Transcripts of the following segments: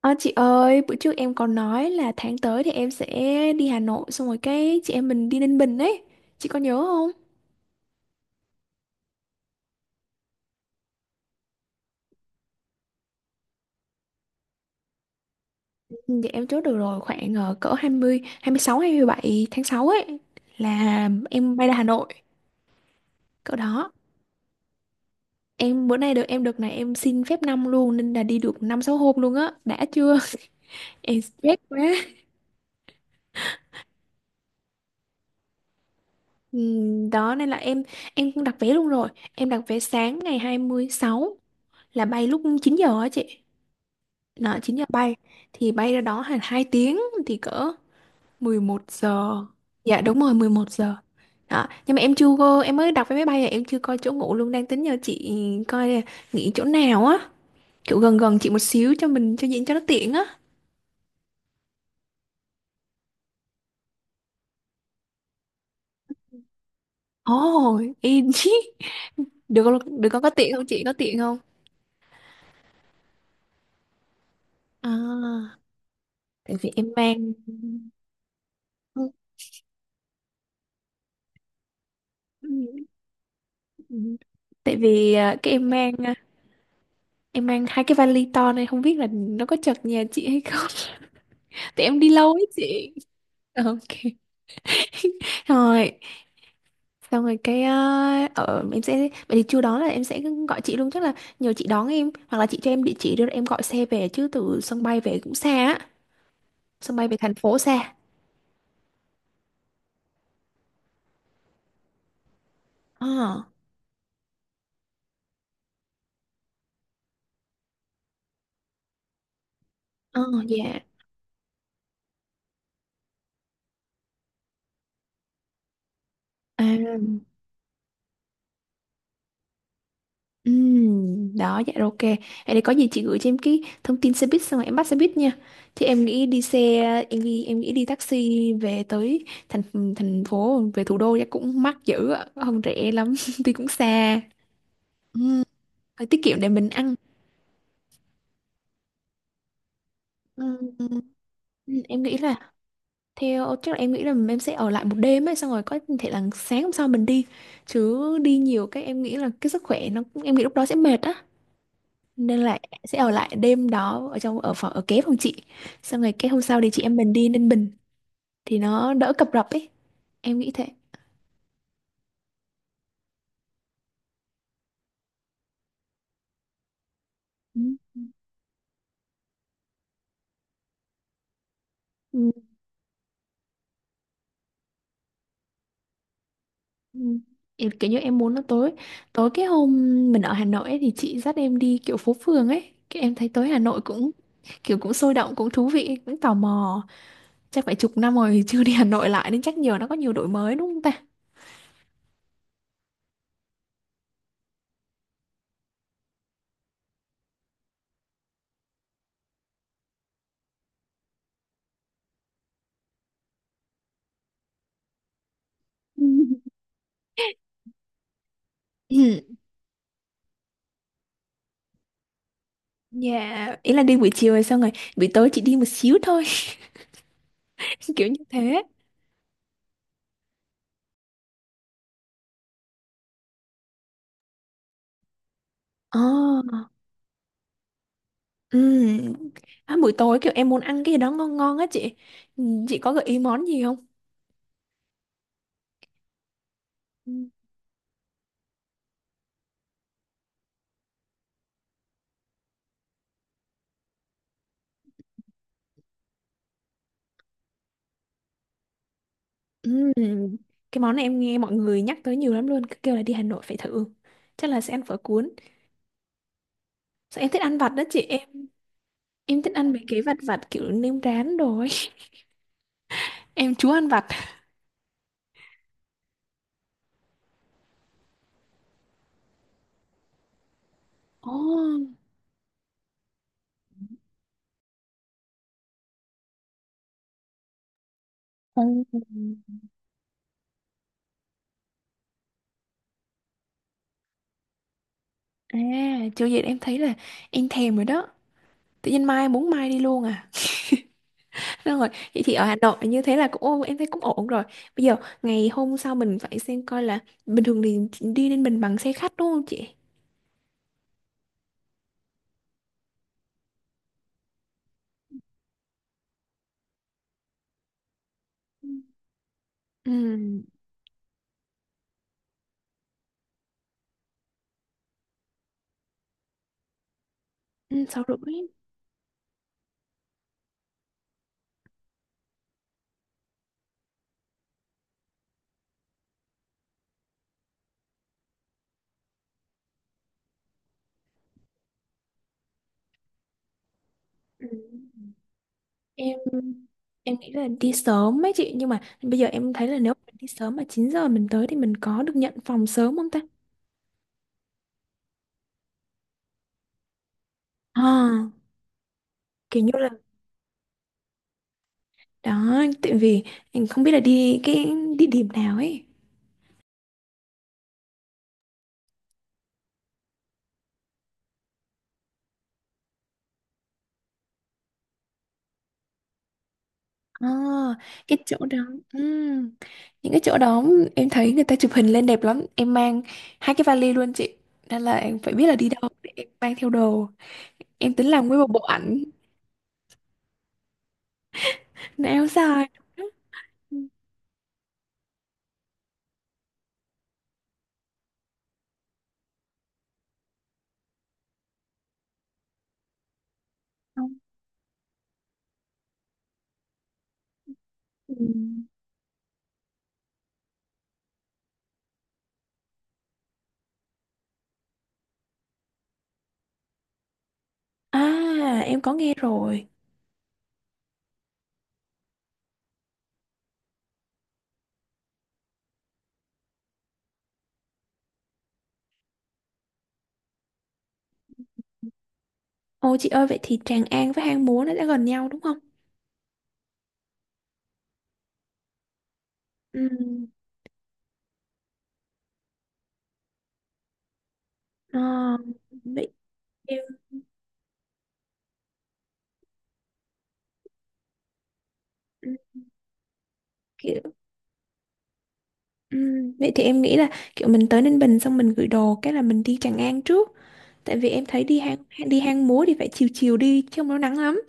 Ờ, chị ơi, bữa trước em còn nói là tháng tới thì em sẽ đi Hà Nội xong rồi cái chị em mình đi Ninh Bình ấy. Chị có nhớ không? Ừ, dạ em chốt được rồi, khoảng cỡ hai mươi, hai mươi sáu, hai mươi bảy tháng 6 ấy là em bay ra Hà Nội. Cỡ đó. Em bữa nay được em được này em xin phép năm luôn nên là đi được 5 6 hôm luôn á. Đã chưa? Em stress quá. Ừ, đó nên là em cũng đặt vé luôn rồi. Em đặt vé sáng ngày 26 là bay lúc 9 giờ á chị. Đó, 9 giờ bay thì bay ra đó hàng 2 tiếng thì cỡ 11 giờ. Dạ đúng rồi, mười một giờ. Đó, nhưng mà em chưa có em mới đọc vé máy bay à, em chưa coi chỗ ngủ luôn, đang tính nhờ chị coi là nghỉ chỗ nào á, kiểu gần gần chị một xíu cho mình cho diễn cho nó tiện á. Ồ, em chứ. Được con có tiện không chị? Có tiện không? À, tại vì em mang… Tại vì cái em mang em mang hai cái vali to này không biết là nó có chật nhà chị hay không. Tại em đi lâu ấy chị. Ok. Rồi, xong rồi cái ở em sẽ vậy thì chưa đó là em sẽ gọi chị luôn, chắc là nhờ chị đón em hoặc là chị cho em địa chỉ đưa em gọi xe về, chứ từ sân bay về cũng xa á. Sân bay về thành phố xa. Ờ. Ờ. Dạ. À. Đó, dạ rồi, ok, vậy thì có gì chị gửi cho em cái thông tin xe buýt xong rồi em bắt xe buýt nha. Thì em nghĩ đi xe Em nghĩ đi taxi về tới thành thành phố, về thủ đô chắc cũng mắc dữ ạ, không rẻ lắm, tuy cũng xa. Ừm, phải tiết kiệm để mình ăn. Ừm, ừm, em nghĩ là theo chắc là em nghĩ là em sẽ ở lại một đêm ấy, xong rồi có thể là sáng hôm sau mình đi, chứ đi nhiều cái em nghĩ là cái sức khỏe nó cũng em nghĩ lúc đó sẽ mệt á, nên là sẽ ở lại đêm đó ở trong ở phòng ở kế phòng chị, xong rồi cái hôm sau thì chị em mình đi Ninh Bình thì nó đỡ cập rập ấy, em nghĩ thế. Ừ. Ừ, ừ. Em kiểu như em muốn nó tối tối cái hôm mình ở Hà Nội ấy, thì chị dắt em đi kiểu phố phường ấy, cái em thấy tối Hà Nội cũng kiểu cũng sôi động, cũng thú vị, cũng tò mò. Chắc phải chục năm rồi chưa đi Hà Nội lại nên chắc nhiều nó có nhiều đổi mới đúng không ta. Ừ. Ừ, dạ ý là đi buổi chiều rồi xong rồi buổi tối chị đi một xíu thôi, kiểu như thế. Ồ, ừm. À, buổi tối kiểu em muốn ăn cái gì đó ngon ngon á chị. Chị có gợi ý món gì không? Ừ. Ừm, cái món này em nghe mọi người nhắc tới nhiều lắm luôn, cứ kêu là đi Hà Nội phải thử. Chắc là sẽ ăn phở cuốn. Sao em thích ăn vặt đó chị em. Em thích ăn mấy cái vặt vặt kiểu nêm rán rồi. Em chúa ăn vặt. Ồ. Ừm. À, chưa vậy em thấy là em thèm rồi đó. Tự nhiên mai muốn mai đi luôn à. Đúng rồi, vậy thì ở Hà Nội như thế là cũng ô, em thấy cũng ổn rồi. Bây giờ ngày hôm sau mình phải xem coi là bình thường thì đi lên mình bằng xe khách đúng không chị? Ừ, ừ, sáu rưỡi. Ừ. Em em nghĩ là đi sớm ấy chị, nhưng mà bây giờ em thấy là nếu mình đi sớm mà 9 giờ mình tới thì mình có được nhận phòng sớm không ta? À, kiểu như là đó, tại vì em không biết là đi cái địa điểm nào ấy. À, cái chỗ đó, ừm, những cái chỗ đó em thấy người ta chụp hình lên đẹp lắm, em mang hai cái vali luôn chị, nên là em phải biết là đi đâu để em mang theo đồ, em tính làm nguyên một bộ ảnh. Nó áo dài. Không. Ừm. À, em có nghe rồi. Ô chị ơi, vậy thì Tràng An với Hang Múa nó đã gần nhau đúng không? Ừm, à, vậy em ừm, kiểu vậy thì em nghĩ là kiểu mình tới Ninh Bình xong mình gửi đồ cái là mình đi Tràng An trước. Tại vì em thấy đi hang múa thì phải chiều chiều đi chứ không nó nắng lắm.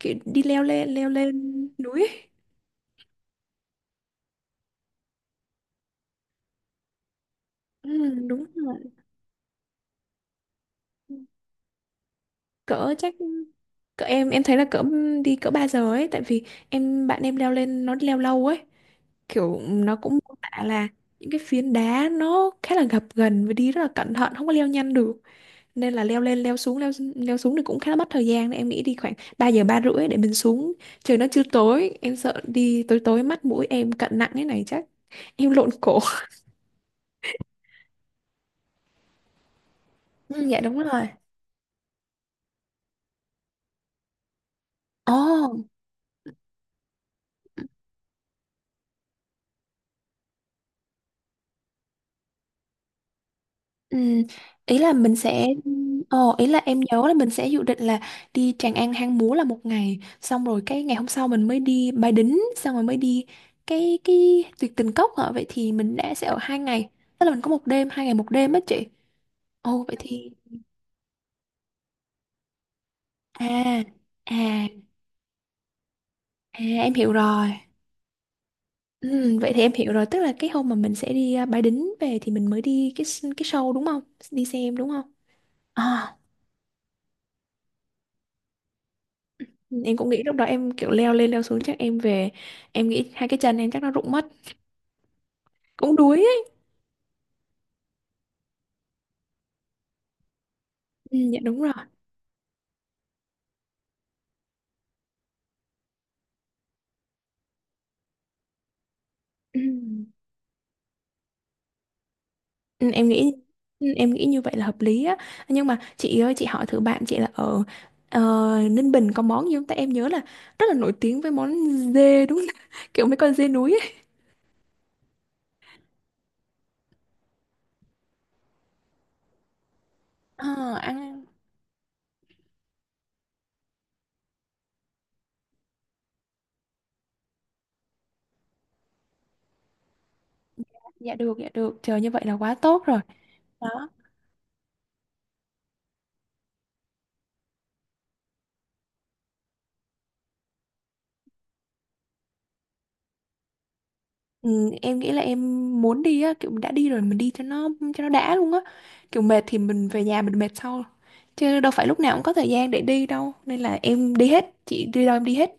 Kiểu đi leo lên núi ấy. Ừ, đúng rồi. Cỡ chắc cỡ em thấy là cỡ đi cỡ 3 giờ ấy, tại vì bạn em leo lên nó leo lâu ấy. Kiểu nó cũng mô tả là những cái phiến đá nó khá là gập ghềnh và đi rất là cẩn thận, không có leo nhanh được. Nên là leo lên leo xuống leo leo xuống thì cũng khá là mất thời gian, nên em nghĩ đi khoảng 3 giờ ba rưỡi để mình xuống trời nó chưa tối, em sợ đi tối tối, mắt mũi em cận nặng thế này chắc heo lộn cổ. Ừ, dạ đúng rồi. Ồ, ừ, ý là mình sẽ, ồ, ý là em nhớ là mình sẽ dự định là đi Tràng An Hang Múa là một ngày, xong rồi cái ngày hôm sau mình mới đi Bái Đính, xong rồi mới đi cái Tuyệt Tình Cốc hả? Vậy thì mình đã sẽ ở hai ngày, tức là mình có một đêm, hai ngày một đêm á chị. Ồ, vậy thì, à, à, à, em hiểu rồi. Ừ, vậy thì em hiểu rồi, tức là cái hôm mà mình sẽ đi à, Bái Đính về thì mình mới đi cái show đúng không? Đi xem đúng không? À, em cũng nghĩ lúc đó em kiểu leo lên leo xuống chắc em về, em nghĩ hai cái chân em chắc nó rụng mất, cũng đuối ấy. Ừ, dạ đúng rồi. Ừ. Ừ, em nghĩ ừ, em nghĩ như vậy là hợp lý á, nhưng mà chị ơi chị hỏi thử bạn chị là ở ờ, Ninh Bình có món gì không, tại em nhớ là rất là nổi tiếng với món dê đúng không? Kiểu mấy con dê núi ấy. Ờ, ăn, dạ được, dạ được, trời như vậy là quá tốt rồi đó. Ừ, em nghĩ là em muốn đi á, kiểu đã đi rồi mình đi cho nó đã luôn á, kiểu mệt thì mình về nhà mình mệt sau, chứ đâu phải lúc nào cũng có thời gian để đi đâu, nên là em đi hết, chị đi đâu em đi hết.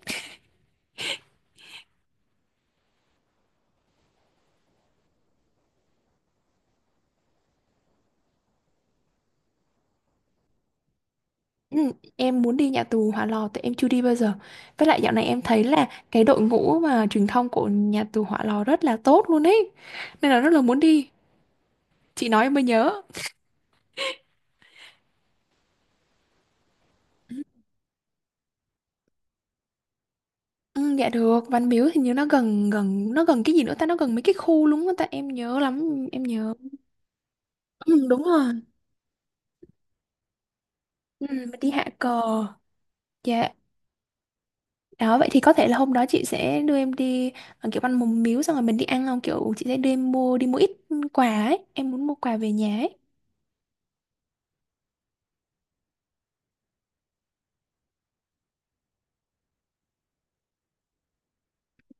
Ừ, em muốn đi nhà tù Hỏa Lò tại em chưa đi bao giờ, với lại dạo này em thấy là cái đội ngũ mà truyền thông của nhà tù Hỏa Lò rất là tốt luôn ấy, nên là rất là muốn đi. Chị nói em mới nhớ. Ừ, dạ được. Văn Miếu thì như nó gần gần nó gần cái gì nữa ta, nó gần mấy cái khu luôn á ta, em nhớ lắm em nhớ. Ừ, đúng rồi. Ừ, mình đi hạ cờ. Dạ. Đó, vậy thì có thể là hôm đó chị sẽ đưa em đi kiểu ăn mùng miếu xong rồi mình đi ăn không, kiểu chị sẽ đưa em đi mua ít quà ấy, em muốn mua quà về nhà ấy.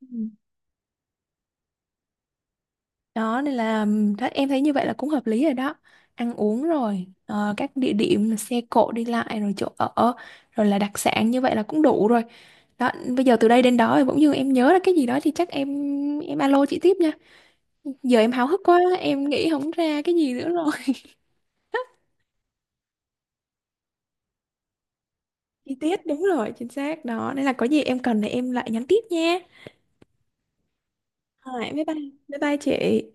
Ừ. Đó nên là đó, em thấy như vậy là cũng hợp lý rồi đó. Ăn uống rồi các địa điểm, xe cộ đi lại, rồi chỗ ở, rồi là đặc sản, như vậy là cũng đủ rồi. Đó, bây giờ từ đây đến đó thì bỗng dưng em nhớ ra cái gì đó thì chắc em alo chị tiếp nha. Giờ em háo hức quá em nghĩ không ra cái gì nữa rồi. Chi tiết, đúng rồi, chính xác, đó nên là có gì em cần thì em lại nhắn tiếp nha. Rồi, bye bye. Bye bye chị.